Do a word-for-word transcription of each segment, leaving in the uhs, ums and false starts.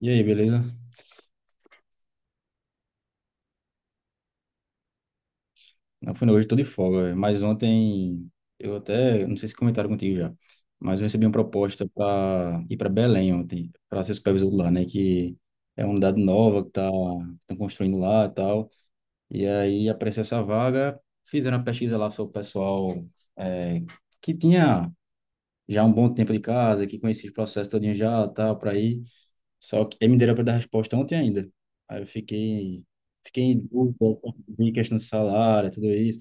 E aí, beleza? Não, foi, não, hoje eu tô de folga, velho. mas ontem eu até, não sei se comentaram contigo já, mas eu recebi uma proposta para ir para Belém ontem, para ser supervisor lá, né, que é uma unidade nova que tá estão construindo lá e tal. E aí apareceu essa vaga, fizeram a pesquisa lá sobre o pessoal é, que tinha já um bom tempo de casa, que conhecia os processos todinho já, tal, para ir. Só que aí me deram para dar resposta ontem ainda. Aí eu fiquei Fiquei em dúvida, em questão de salário, tudo isso.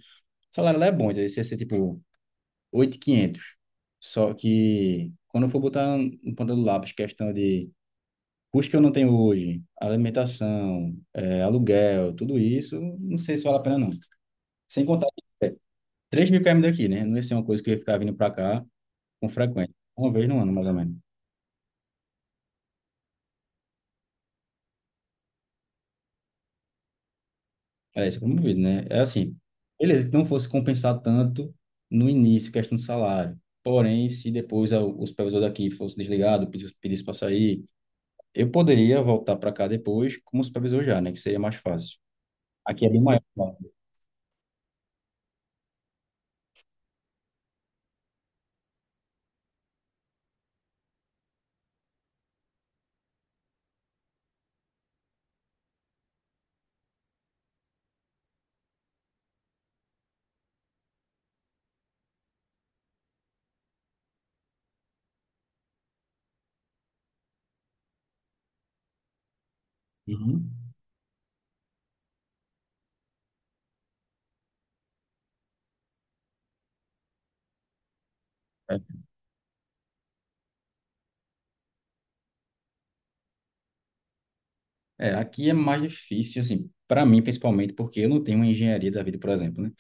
O salário lá é bom, então esse ia ser tipo oito mil e quinhentos. Só que quando eu for botar no ponta do lápis questão de custo que eu não tenho hoje, alimentação, eh, aluguel, tudo isso, não sei se vale a pena não. Sem contar que três mil km daqui, né? Não ia ser uma coisa que eu ia ficar vindo para cá com frequência. Uma vez no ano, mais ou menos. Era isso que eu promovido, né? É assim, beleza, que não fosse compensar tanto no início, questão do salário. Porém, se depois a- o supervisor daqui fosse desligado, pedisse para sair, Eu poderia voltar para cá depois como supervisor já, né? Que seria mais fácil. Aqui é bem maior lá. Uhum. É, É, aqui é mais difícil, assim, para mim principalmente, porque eu não tenho uma engenharia da vida, por exemplo, né?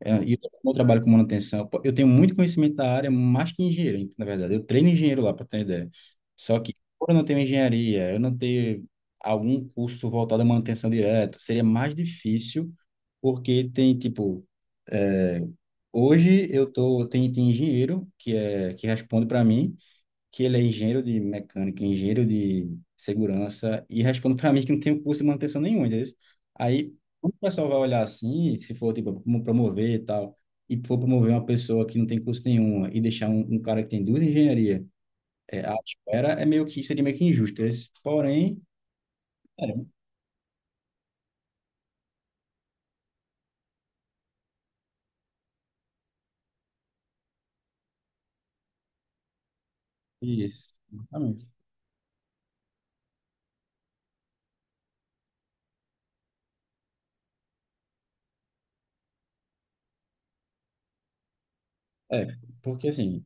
É, e eu como eu trabalho com manutenção, pô. Eu tenho muito conhecimento da área, mais que engenheiro, ent- na verdade. Eu treino engenheiro lá, para ter ideia. Só que, por eu não tenho engenharia, eu não tenho algum curso voltado à manutenção direta, seria mais difícil, porque tem, tipo, é, hoje eu tô, tem, tem engenheiro que, é, que responde para mim, que ele é engenheiro de mecânica, engenheiro de segurança, e responde para mim que não tem curso de manutenção nenhum, entendeu? Aí, quando o pessoal vai olhar assim, se for, tipo, como promover e tal, e for promover uma pessoa que não tem curso nenhum e deixar um, um cara que tem duas engenharias é, à espera, é meio que, seria meio que injusto. Esse, porém, é, isso, exatamente. É, porque assim,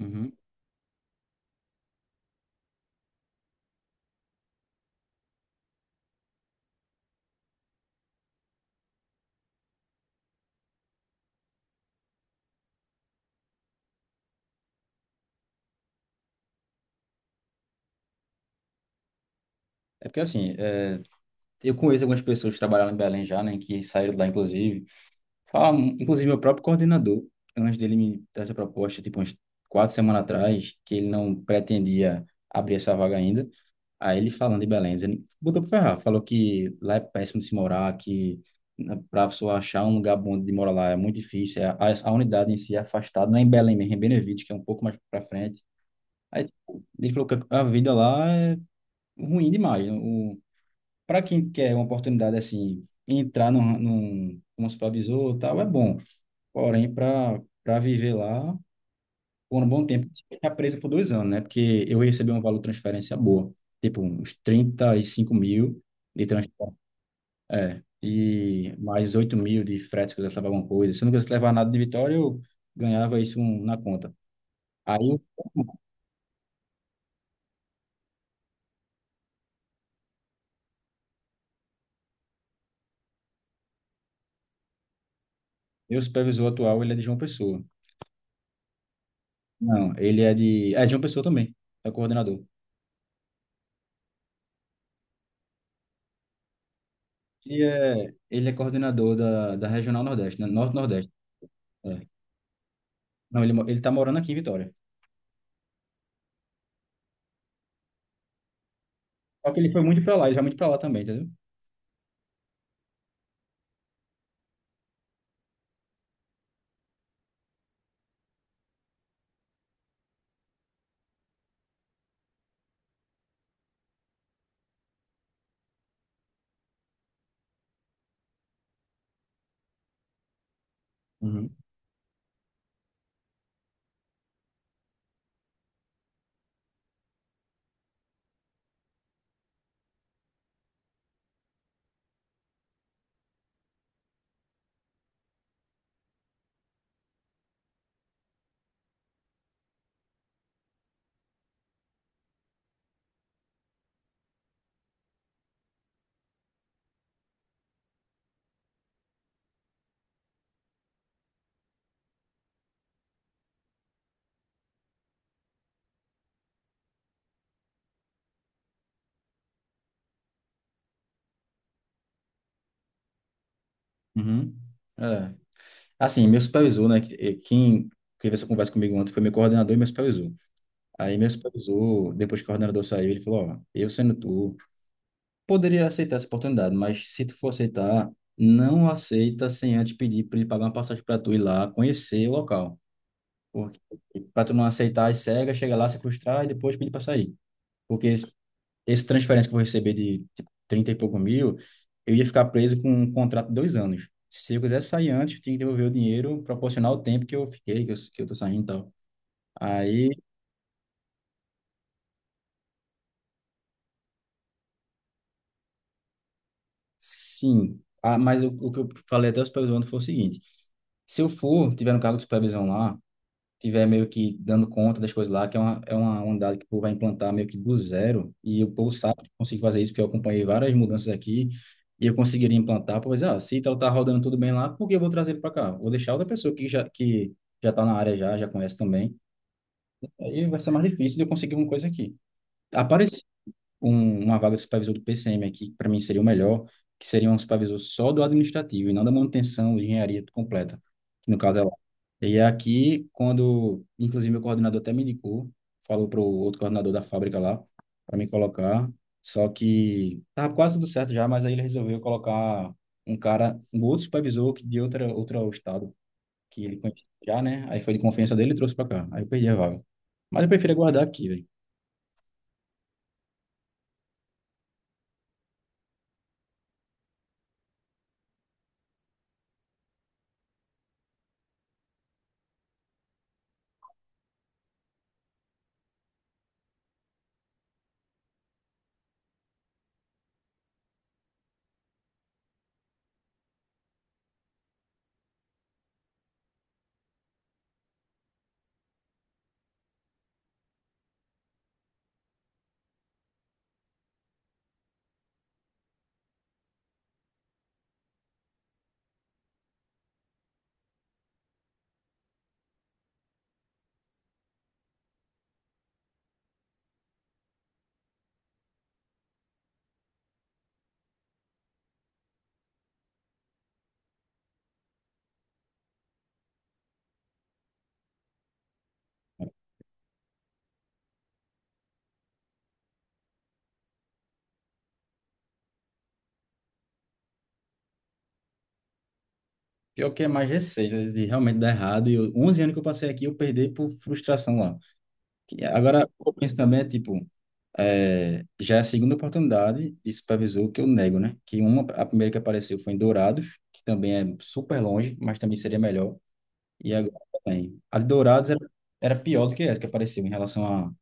uhum. É porque assim, é, eu conheço algumas pessoas que trabalharam em Belém já, né, que saíram de lá, inclusive, Fala, um, inclusive, meu próprio coordenador, antes dele me dar essa proposta, tipo, uns quatro semanas atrás, que ele não pretendia abrir essa vaga ainda. Aí ele falando de Belém, ele botou pra ferrar, falou que lá é péssimo de se morar, que na- pra pessoa achar um lugar bom de morar lá é muito difícil, é- a, a unidade em si é afastada, não é em Belém mesmo, é em Benevides, que é um pouco mais pra frente. Aí tipo, ele falou que a a vida lá é ruim demais, para quem quer uma oportunidade assim, entrar num, num, como supervisor e tal, é bom. Porém, para para viver lá por um bom tempo, ficar preso por dois anos, né? Porque eu recebi um valor de transferência boa, tipo uns trinta e cinco mil de transferência, é, e mais oito mil de frete que eu levava alguma coisa. Se eu não quisesse levar nada de Vitória, eu ganhava isso um- na conta. Aí, o meu supervisor atual, ele é de João Pessoa. Não, ele é de... É de João Pessoa também, é coordenador. Ele é, ele é coordenador da, da Regional Nordeste, né? Norte-Nordeste. É. Não, ele, mo- ele tá morando aqui em Vitória. Só que ele foi muito pra lá, ele vai muito pra lá também, entendeu? Uhum. Uhum. É. Assim, meu supervisor, né? que- eh, Quem teve essa conversa comigo ontem foi meu coordenador e meu supervisor. Aí meu supervisor, depois que o coordenador saiu, ele falou, ó, eu sendo tu, poderia aceitar essa oportunidade, mas se tu for aceitar, não aceita sem antes pedir para ele pagar uma passagem para tu ir lá conhecer o local. Porque para tu não aceitar as cegas, chega lá, se frustrar e depois pedir para sair. Porque esse- essa transferência que eu vou receber de tipo, trinta e pouco mil, eu ia ficar preso com um contrato de dois anos. Se eu quisesse sair antes, eu tinha que devolver o dinheiro proporcional ao tempo que eu fiquei, que eu, que eu tô saindo e tal. Aí, sim. Ah, mas o, o que eu falei até o supervisor foi o seguinte: se eu for, tiver um cargo de supervisão lá, tiver meio que dando conta das coisas lá, que é uma, é uma unidade que o povo vai implantar meio que do zero, e o povo sabe que consegue fazer isso, porque eu acompanhei várias mudanças aqui, e eu conseguiria implantar, pois, ah, se tal tá rodando tudo bem lá, por que eu vou trazer ele para cá? Vou deixar outra pessoa que já que já tá na área já, já conhece também, aí vai ser mais difícil de eu conseguir alguma coisa aqui um- uma vaga de supervisor do P C M aqui, que para mim seria o melhor, que seria um supervisor só do administrativo e não da manutenção de engenharia completa, que no caso é lá. E é aqui, quando, inclusive, meu coordenador até me indicou, falou para o outro coordenador da fábrica lá, para me colocar, só que estava quase tudo certo já, mas aí ele resolveu colocar um cara, um outro supervisor que de outra, outro estado, que ele conhecia já, né? Aí foi de confiança dele e trouxe para cá. Aí eu perdi a vaga. Mas eu prefiro aguardar aqui, velho. Pior que é mais receio né, de realmente dar errado. E eu, onze anos que eu passei aqui, eu perdi por frustração lá. Que agora, eu penso também, é, tipo, é, já é a segunda oportunidade de supervisor que eu nego, né? Que uma, a primeira que apareceu foi em Dourados, que também é super longe, mas também seria melhor. E agora também. A de Dourados era, era pior do que essa que apareceu em relação a,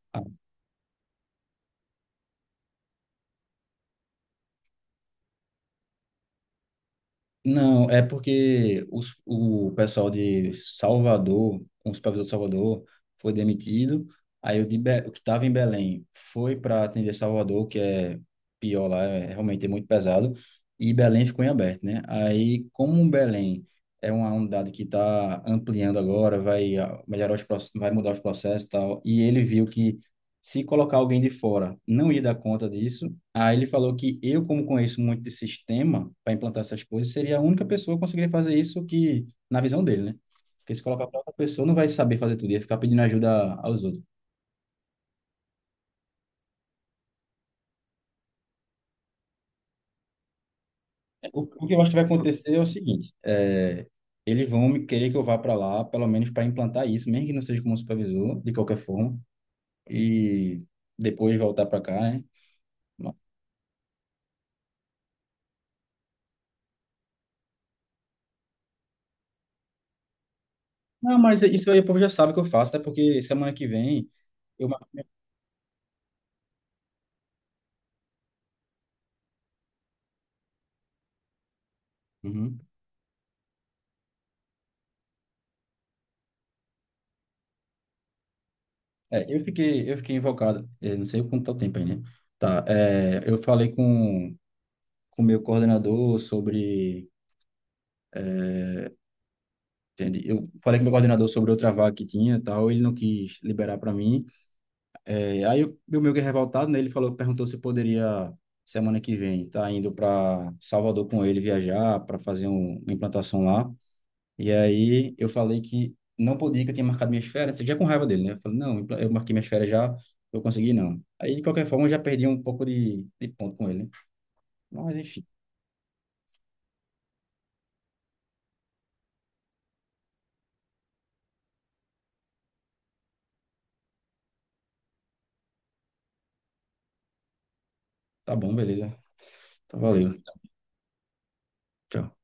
Não, é porque os, o pessoal de Salvador, o supervisor de Salvador, foi demitido. Aí o, de Be- o que estava em Belém foi para atender Salvador, que é pior lá, é realmente é muito pesado. E Belém ficou em aberto, né? Aí, como Belém é uma unidade que está ampliando agora, vai ah, melhorar os, proce- vai mudar os processos e tal, e ele viu que se colocar alguém de fora não ia dar conta disso, Aí ele falou que eu, como conheço muito de sistema para implantar essas coisas, seria a única pessoa que conseguiria fazer isso que, na visão dele, né? Porque se colocar para outra pessoa, não vai saber fazer tudo, ia ficar pedindo ajuda aos outros. O, o que eu acho que vai acontecer é o seguinte, é, eles vão me querer que eu vá para lá, pelo menos para implantar isso, mesmo que não seja como supervisor, de qualquer forma, e depois voltar para cá, né? Não, mas isso aí o povo já sabe que eu faço, até porque semana que vem eu... Uhum. É, eu fiquei, eu fiquei invocado, eh, não sei quanto tá o tempo aí, né? Tá, eh, eu falei com com o meu coordenador sobre, entende? Eu falei com o meu coordenador sobre outra vaga que tinha e tal, ele não quis liberar para mim. Eh, aí eu, meu meio que revoltado, né? Ele falou, perguntou se poderia, semana que vem, tá indo para Salvador com ele viajar para fazer um- uma implantação lá. E aí eu falei que não podia, que eu tinha marcado minhas férias, já com raiva dele, né? Eu falei, não, eu marquei minhas férias já, eu consegui não. Aí, de qualquer forma, eu já perdi um pouco de, de ponto com ele, né? Mas, enfim, tá bom, beleza. Então, valeu. Tchau.